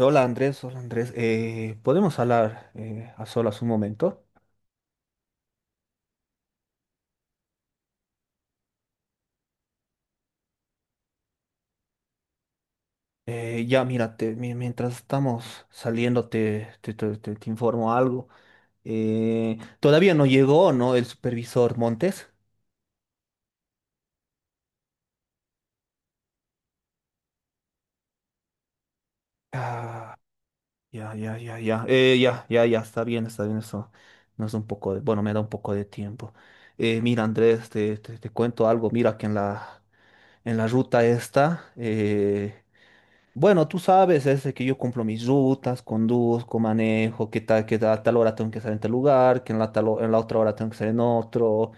Hola Andrés, hola Andrés. ¿Podemos hablar a solas un momento? Ya, mira, mientras estamos saliendo te informo algo. Todavía no llegó, ¿no? El supervisor Montes. Ah, ya, ya, ya, ya. Ya, ya, ya, está bien eso. Nos da un poco de, bueno, me da un poco de tiempo. Mira, Andrés, te cuento algo. Mira que en la ruta esta Bueno, tú sabes, es que yo cumplo mis rutas, conduzco, manejo, que tal, que a tal hora tengo que estar en tal lugar, que en la otra hora tengo que estar en otro.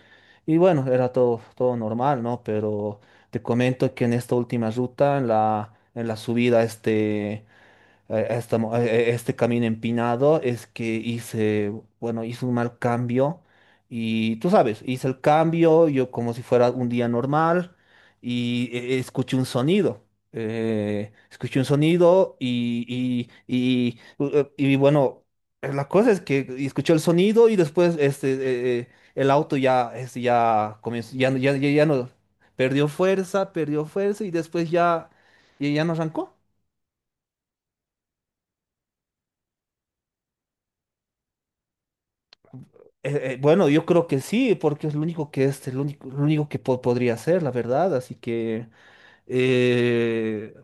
Y bueno, era todo normal, ¿no? Pero te comento que en esta última ruta, en la subida, este a, esta mo- a- e- este camino empinado es que hice, bueno, hice un mal cambio, y tú sabes, hice el cambio yo como si fuera un día normal. Y escuché un sonido. Escuché un sonido y bueno, la cosa es que escuché el sonido y después el auto ya, este, ya comenzó, ya, no- ya, ya ya no, perdió fuerza y después ya, ya ya no arrancó. Bueno, yo creo que sí, porque es lo único que es, lo único que podría hacer, la verdad. Así que eh,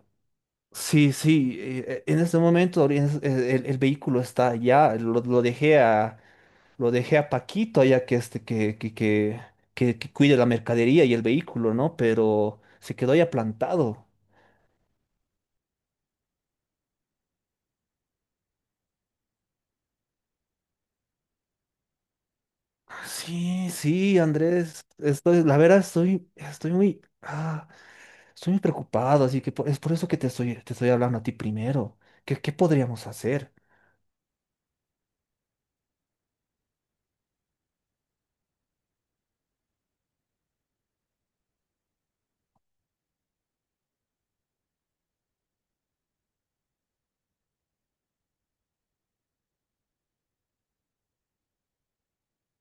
sí, sí. En este momento el vehículo está allá. Lo dejé a Paquito allá que que cuide la mercadería y el vehículo, ¿no? Pero se quedó ya plantado. Sí, sí, Andrés. Estoy muy. Estoy muy preocupado, así que es por eso que te estoy hablando a ti primero. ¿Qué, qué podríamos hacer?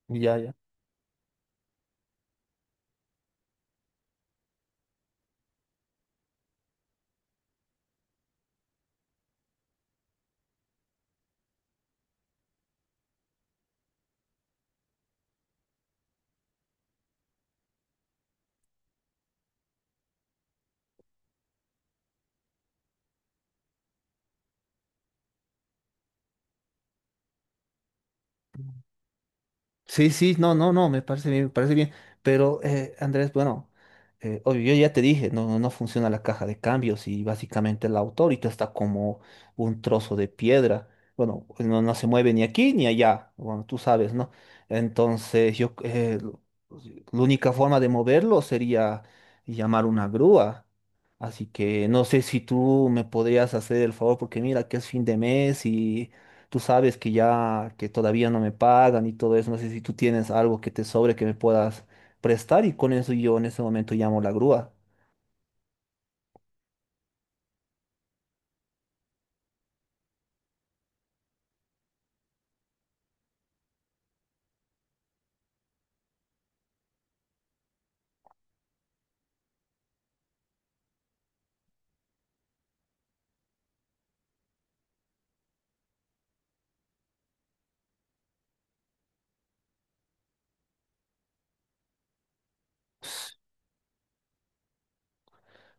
Ya, ya. Sí, sí, no, no, no, me parece bien, me parece bien. Pero, Andrés, bueno, obvio, yo ya te dije, no, no funciona la caja de cambios, y básicamente el auto ahorita está como un trozo de piedra. Bueno, no, no se mueve ni aquí ni allá, bueno, tú sabes, ¿no? Entonces, yo, la única forma de moverlo sería llamar una grúa. Así que no sé si tú me podrías hacer el favor, porque mira que es fin de mes. Tú sabes que ya, que todavía no me pagan y todo eso, no sé si tú tienes algo que te sobre que me puedas prestar, y con eso yo en ese momento llamo la grúa.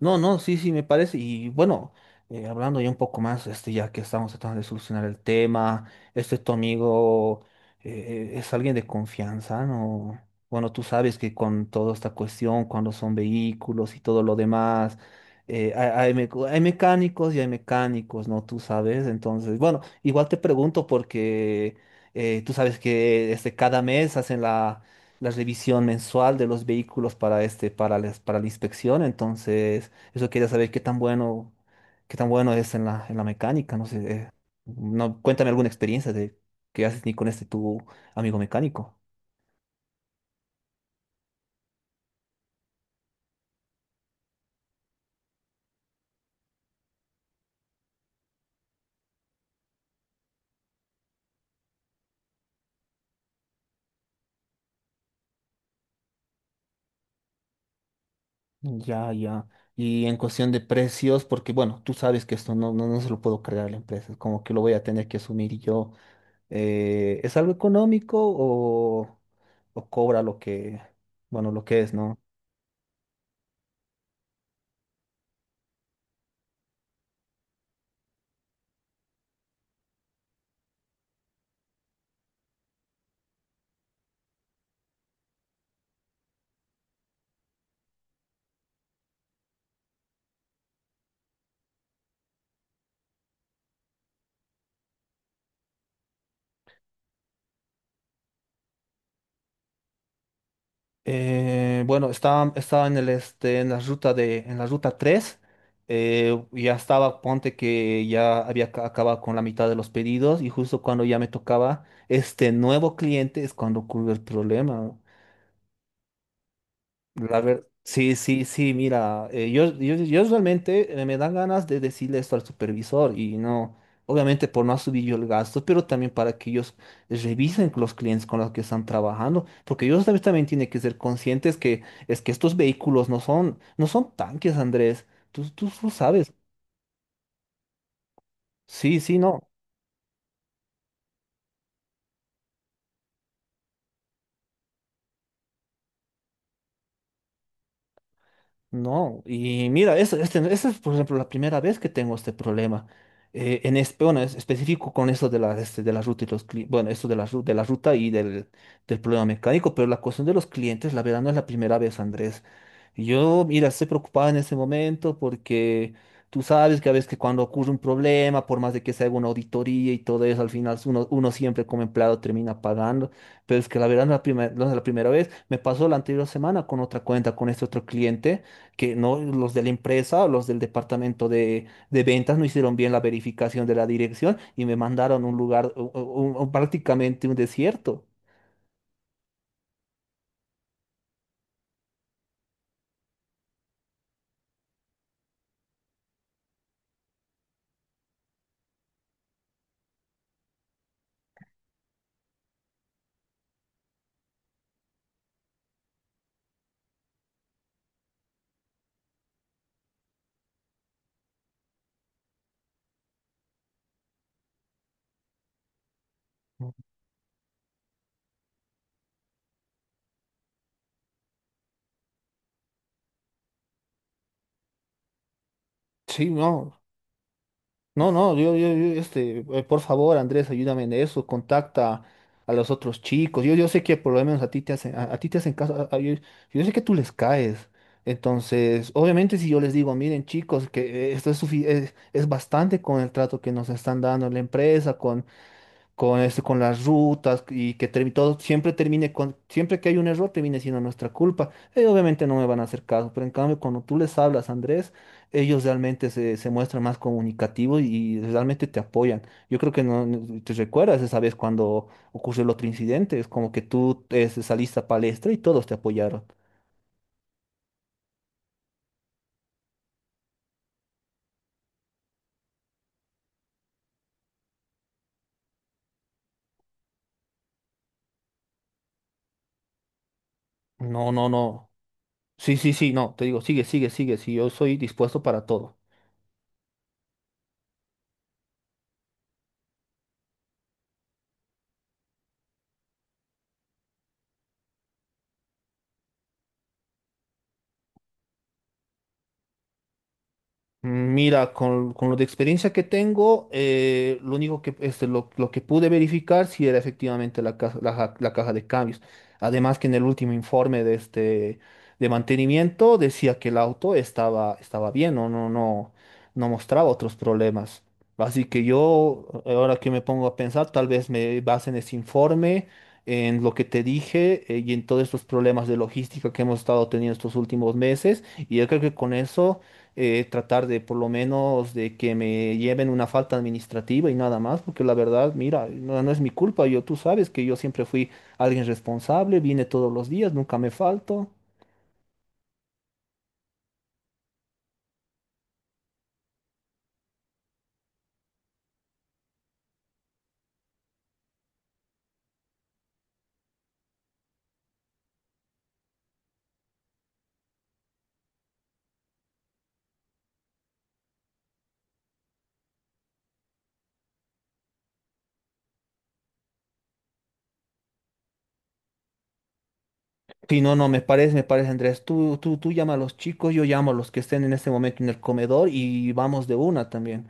No, no, sí, sí, me parece. Y bueno, hablando ya un poco más, este, ya que estamos tratando de solucionar el tema, este tu amigo es alguien de confianza, ¿no? Bueno, tú sabes que con toda esta cuestión, cuando son vehículos y todo lo demás, hay hay mecánicos y hay mecánicos, ¿no? Tú sabes. Entonces, bueno, igual te pregunto porque tú sabes que este, cada mes hacen la revisión mensual de los vehículos para este, para la inspección. Entonces, eso quería saber qué tan bueno es en en la mecánica, no sé. No, cuéntame alguna experiencia de qué haces ni con este tu amigo mecánico. Ya, ya. Y en cuestión de precios, porque bueno, tú sabes que esto no, no, no se lo puedo cargar a la empresa, es como que lo voy a tener que asumir yo. ¿Es algo económico o cobra lo que, bueno, lo que es, ¿no? Bueno, estaba, estaba en el este, en la ruta de, en la ruta 3, ya estaba, ponte que ya había acabado con la mitad de los pedidos y justo cuando ya me tocaba este nuevo cliente es cuando ocurre el problema. Sí, sí, sí, mira, yo realmente me dan ganas de decirle esto al supervisor y no, obviamente por no subir yo el gasto, pero también para que ellos revisen los clientes con los que están trabajando, porque ellos también, también tienen que ser conscientes que es que estos vehículos no son, no son tanques, Andrés, tú lo sabes, sí, sí, no. No, y mira, eso este, esa es por ejemplo la primera vez que tengo este problema. En este, bueno, es específico con eso de de la ruta y los bueno, esto de de la ruta y del, del problema mecánico, pero la cuestión de los clientes, la verdad, no es la primera vez, Andrés. Yo, mira, estoy preocupado en ese momento porque tú sabes que a veces que cuando ocurre un problema, por más de que se haga una auditoría y todo eso, al final uno, uno siempre como empleado termina pagando, pero es que la verdad no es la primera, no es la primera vez. Me pasó la anterior semana con otra cuenta, con este otro cliente que no, los de la empresa o los del departamento de ventas no hicieron bien la verificación de la dirección y me mandaron a un lugar, prácticamente un desierto. Sí, no, no, no, yo, este, por favor, Andrés, ayúdame en eso, contacta a los otros chicos. Yo sé que por lo menos a ti te hacen, a ti te hacen caso, yo, yo sé que tú les caes. Entonces, obviamente si yo les digo, miren chicos, que esto es, es bastante con el trato que nos están dando en la empresa, con eso, con las rutas, y que todo siempre termine con, siempre que hay un error termine siendo nuestra culpa. Ellos obviamente no me van a hacer caso, pero en cambio cuando tú les hablas, Andrés, ellos realmente se muestran más comunicativos y realmente te apoyan. Yo creo que te recuerdas esa vez cuando ocurrió el otro incidente, es como que tú saliste a palestra y todos te apoyaron. No, no, no. Sí, sí, sí, no, te digo, sigue, sigue, sigue, sí, yo soy dispuesto para todo. Mira, con lo de experiencia que tengo, lo único que, este, lo que pude verificar si era efectivamente la caja, la caja de cambios. Además que en el último informe de este de mantenimiento decía que el auto estaba bien, no, no, no, no mostraba otros problemas. Así que yo, ahora que me pongo a pensar, tal vez me base en ese informe, en lo que te dije, y en todos estos problemas de logística que hemos estado teniendo estos últimos meses. Y yo creo que con eso tratar de por lo menos de que me lleven una falta administrativa y nada más, porque la verdad, mira, no, no es mi culpa, yo tú sabes que yo siempre fui alguien responsable, vine todos los días, nunca me falto. Sí no, no, me parece, Andrés, tú llama a los chicos, yo llamo a los que estén en este momento en el comedor y vamos de una también.